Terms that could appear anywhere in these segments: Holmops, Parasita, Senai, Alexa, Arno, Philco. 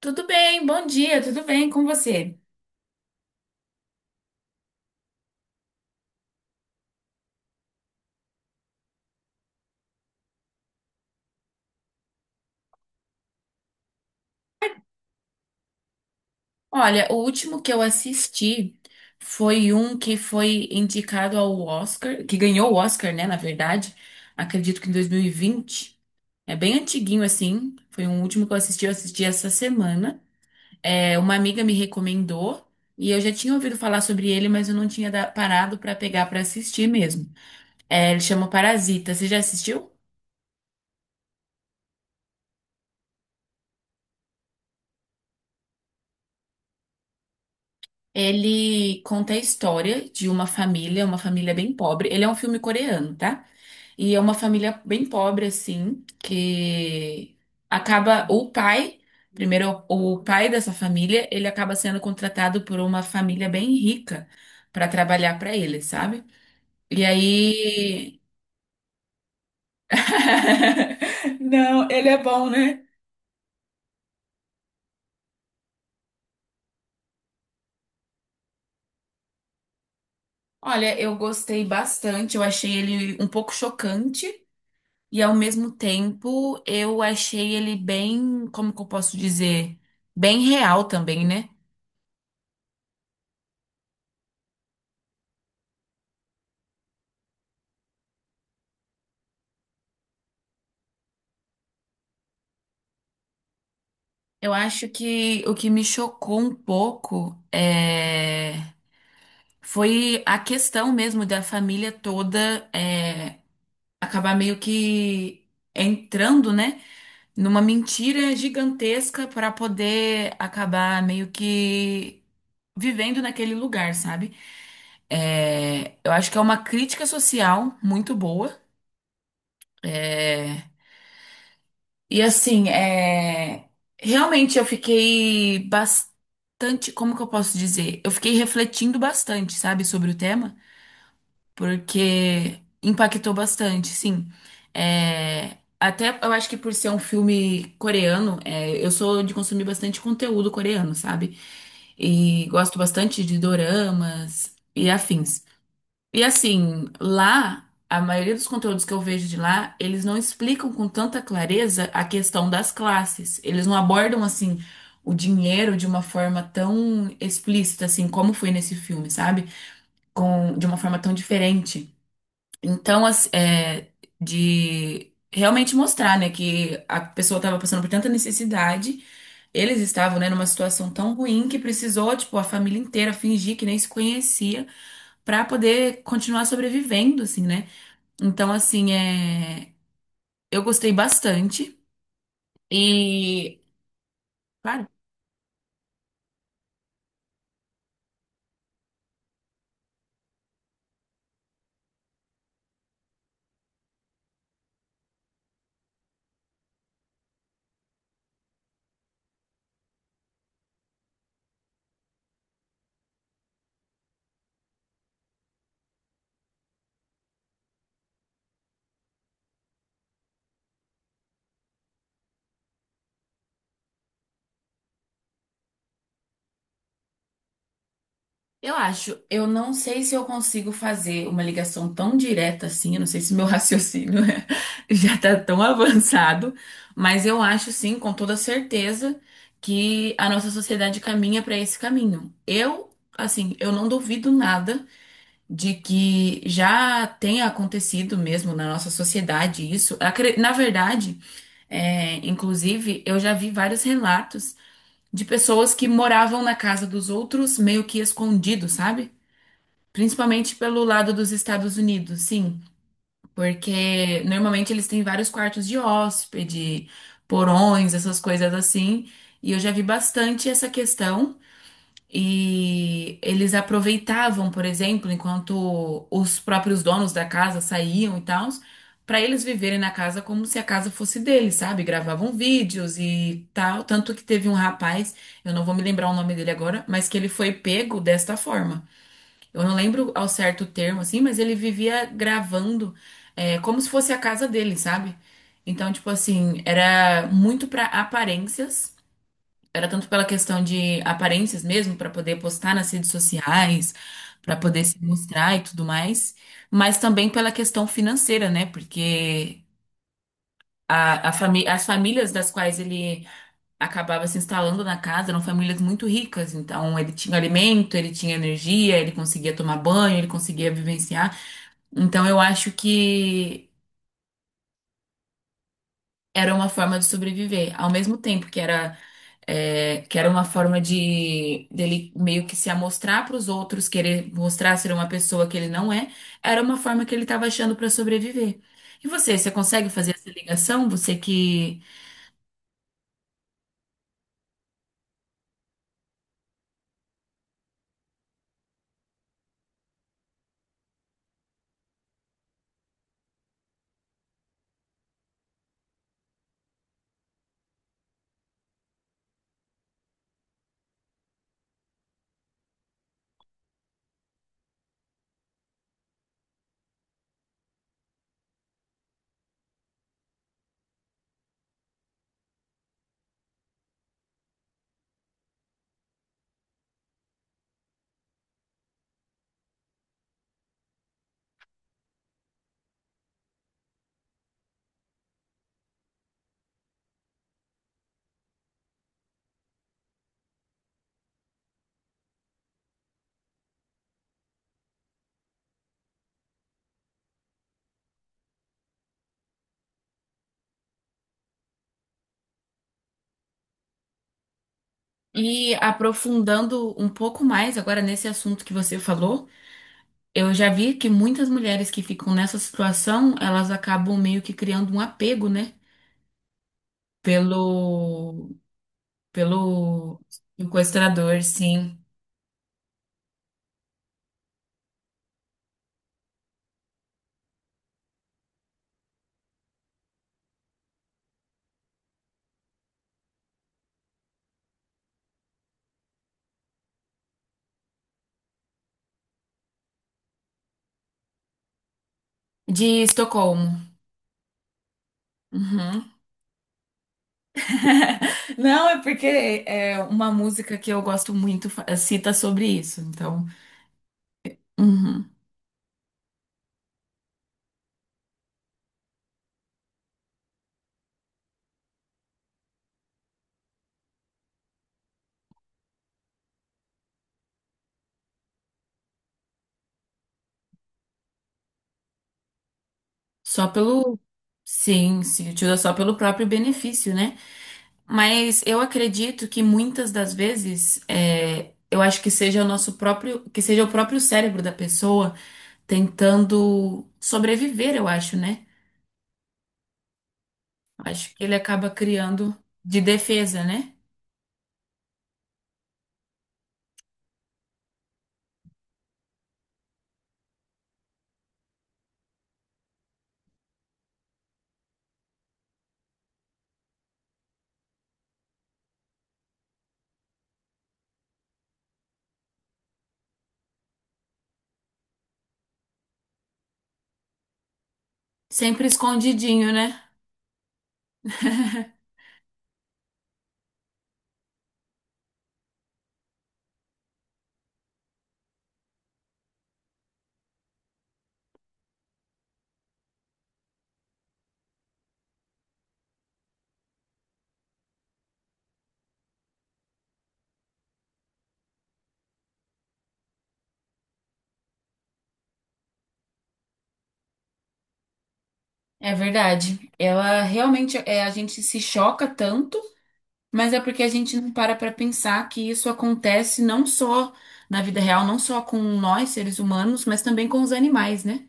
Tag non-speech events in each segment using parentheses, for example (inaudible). Tudo bem, bom dia, tudo bem com você? Olha, o último que eu assisti foi um que foi indicado ao Oscar, que ganhou o Oscar, né, na verdade, acredito que em 2020. É bem antiguinho assim, foi um último que eu assisti essa semana. Uma amiga me recomendou e eu já tinha ouvido falar sobre ele, mas eu não tinha parado pra pegar pra assistir mesmo. É, ele chama Parasita, você já assistiu? Ele conta a história de uma família bem pobre. Ele é um filme coreano, tá? E é uma família bem pobre, assim, que acaba. O pai, primeiro, o pai dessa família, ele acaba sendo contratado por uma família bem rica pra trabalhar pra ele, sabe? E aí. (laughs) Não, ele é bom, né? Olha, eu gostei bastante. Eu achei ele um pouco chocante. E ao mesmo tempo, eu achei ele bem, como que eu posso dizer? Bem real também, né? Eu acho que o que me chocou um pouco foi a questão mesmo da família toda, acabar meio que entrando, né, numa mentira gigantesca para poder acabar meio que vivendo naquele lugar, sabe? É, eu acho que é uma crítica social muito boa é, E assim, realmente eu fiquei bastante. Como que eu posso dizer? Eu fiquei refletindo bastante, sabe, sobre o tema, porque impactou bastante, sim. É, até eu acho que por ser um filme coreano, eu sou de consumir bastante conteúdo coreano, sabe? E gosto bastante de doramas e afins. E assim, lá, a maioria dos conteúdos que eu vejo de lá, eles não explicam com tanta clareza a questão das classes. Eles não abordam assim o dinheiro de uma forma tão explícita assim como foi nesse filme, sabe? Com de uma forma tão diferente. Então, de realmente mostrar, né, que a pessoa estava passando por tanta necessidade, eles estavam, né, numa situação tão ruim que precisou, tipo, a família inteira fingir que nem se conhecia para poder continuar sobrevivendo, assim, né? Então, assim, eu gostei bastante e, claro, eu acho, eu não sei se eu consigo fazer uma ligação tão direta assim, eu não sei se meu raciocínio (laughs) já tá tão avançado, mas eu acho sim, com toda certeza, que a nossa sociedade caminha para esse caminho. Eu, assim, eu não duvido nada de que já tenha acontecido mesmo na nossa sociedade isso. Na verdade, inclusive, eu já vi vários relatos de pessoas que moravam na casa dos outros meio que escondidos, sabe? Principalmente pelo lado dos Estados Unidos, sim, porque normalmente eles têm vários quartos de hóspede, porões, essas coisas assim, e eu já vi bastante essa questão. E eles aproveitavam, por exemplo, enquanto os próprios donos da casa saíam e tal, para eles viverem na casa como se a casa fosse deles, sabe? Gravavam vídeos e tal. Tanto que teve um rapaz, eu não vou me lembrar o nome dele agora, mas que ele foi pego desta forma. Eu não lembro ao certo o termo, assim, mas ele vivia gravando, como se fosse a casa dele, sabe? Então, tipo assim, era muito pra aparências, era tanto pela questão de aparências mesmo, pra poder postar nas redes sociais, pra poder se mostrar e tudo mais, mas também pela questão financeira, né? Porque as famílias das quais ele acabava se instalando na casa, eram famílias muito ricas, então ele tinha alimento, ele tinha energia, ele conseguia tomar banho, ele conseguia vivenciar. Então eu acho que era uma forma de sobreviver, ao mesmo tempo que era que era uma forma de dele meio que se amostrar para os outros, querer mostrar ser uma pessoa que ele não é, era uma forma que ele estava achando para sobreviver. E você, você consegue fazer essa ligação? Você que e aprofundando um pouco mais agora nesse assunto que você falou, eu já vi que muitas mulheres que ficam nessa situação, elas acabam meio que criando um apego, né? Pelo, pelo sequestrador, sim. De Estocolmo. Uhum. Não, é porque é uma música que eu gosto muito, cita sobre isso. Então, uhum. Só pelo. Sim, se utiliza só pelo próprio benefício, né? Mas eu acredito que muitas das vezes, eu acho que seja o nosso próprio, que seja o próprio cérebro da pessoa tentando sobreviver, eu acho, né? Acho que ele acaba criando de defesa, né? Sempre escondidinho, né? (laughs) É verdade. Ela realmente, a gente se choca tanto, mas é porque a gente não para para pensar que isso acontece não só na vida real, não só com nós, seres humanos, mas também com os animais, né?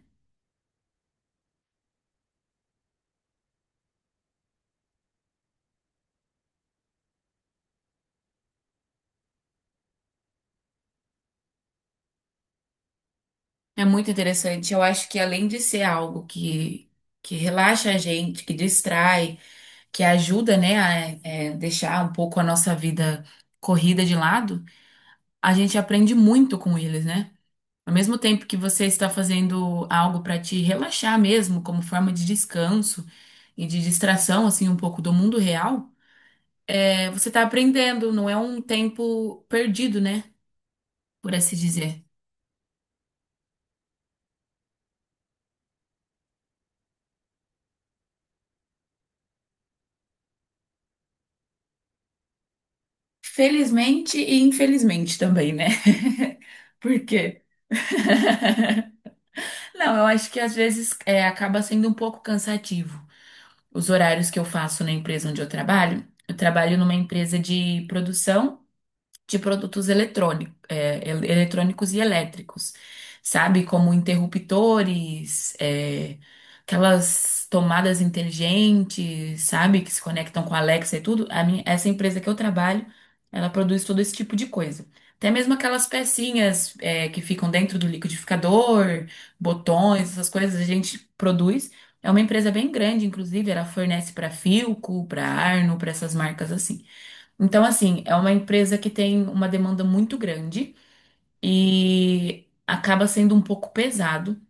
É muito interessante. Eu acho que além de ser algo que relaxa a gente, que distrai, que ajuda, né, a deixar um pouco a nossa vida corrida de lado, a gente aprende muito com eles, né? Ao mesmo tempo que você está fazendo algo para te relaxar mesmo, como forma de descanso e de distração, assim, um pouco do mundo real, você está aprendendo, não é um tempo perdido, né? Por assim dizer. Felizmente e infelizmente também, né? (laughs) Por quê? (laughs) Não, eu acho que às vezes acaba sendo um pouco cansativo. Os horários que eu faço na empresa onde eu trabalho numa empresa de produção de produtos eletrônico, eletrônicos e elétricos, sabe? Como interruptores, aquelas tomadas inteligentes, sabe? Que se conectam com a Alexa e tudo. A minha, essa empresa que eu trabalho, ela produz todo esse tipo de coisa. Até mesmo aquelas pecinhas, que ficam dentro do liquidificador, botões, essas coisas, a gente produz. É uma empresa bem grande, inclusive, ela fornece para Philco, para Arno, para essas marcas assim. Então, assim, é uma empresa que tem uma demanda muito grande e acaba sendo um pouco pesado.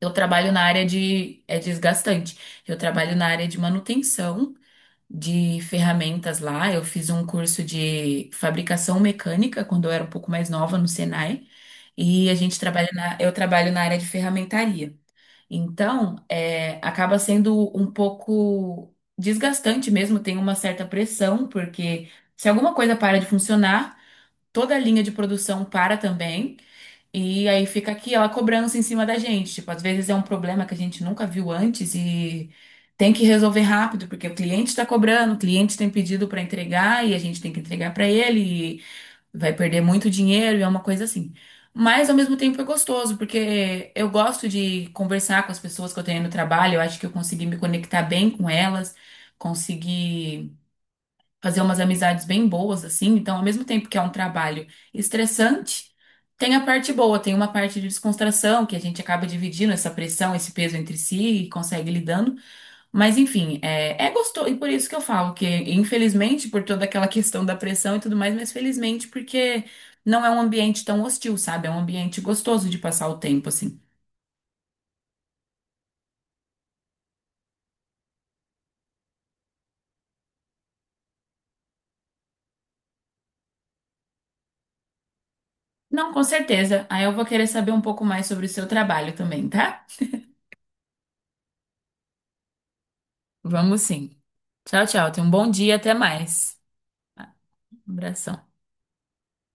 Eu trabalho na área de... É desgastante. Eu trabalho na área de manutenção de ferramentas lá. Eu fiz um curso de fabricação mecânica quando eu era um pouco mais nova no Senai. E a gente trabalha na... Eu trabalho na área de ferramentaria. Então, acaba sendo um pouco desgastante mesmo, tem uma certa pressão, porque se alguma coisa para de funcionar, toda a linha de produção para também, e aí fica aquela cobrança em cima da gente. Tipo, às vezes é um problema que a gente nunca viu antes e tem que resolver rápido, porque o cliente está cobrando, o cliente tem pedido para entregar e a gente tem que entregar para ele vai perder muito dinheiro e é uma coisa assim. Mas ao mesmo tempo é gostoso, porque eu gosto de conversar com as pessoas que eu tenho no trabalho, eu acho que eu consegui me conectar bem com elas, consegui fazer umas amizades bem boas assim. Então, ao mesmo tempo que é um trabalho estressante, tem a parte boa, tem uma parte de descontração que a gente acaba dividindo essa pressão, esse peso entre si e consegue lidando. Mas enfim, é gostoso, e por isso que eu falo que, infelizmente, por toda aquela (laughs) questão da pressão e tudo mais, mas felizmente porque não é um ambiente tão hostil, sabe? É um ambiente gostoso de passar o tempo, assim. Não, com certeza. Aí eu vou querer saber um pouco mais sobre o seu trabalho também, tá? Vamos sim. Tchau, tchau. Tenha um bom dia, até mais. Abração.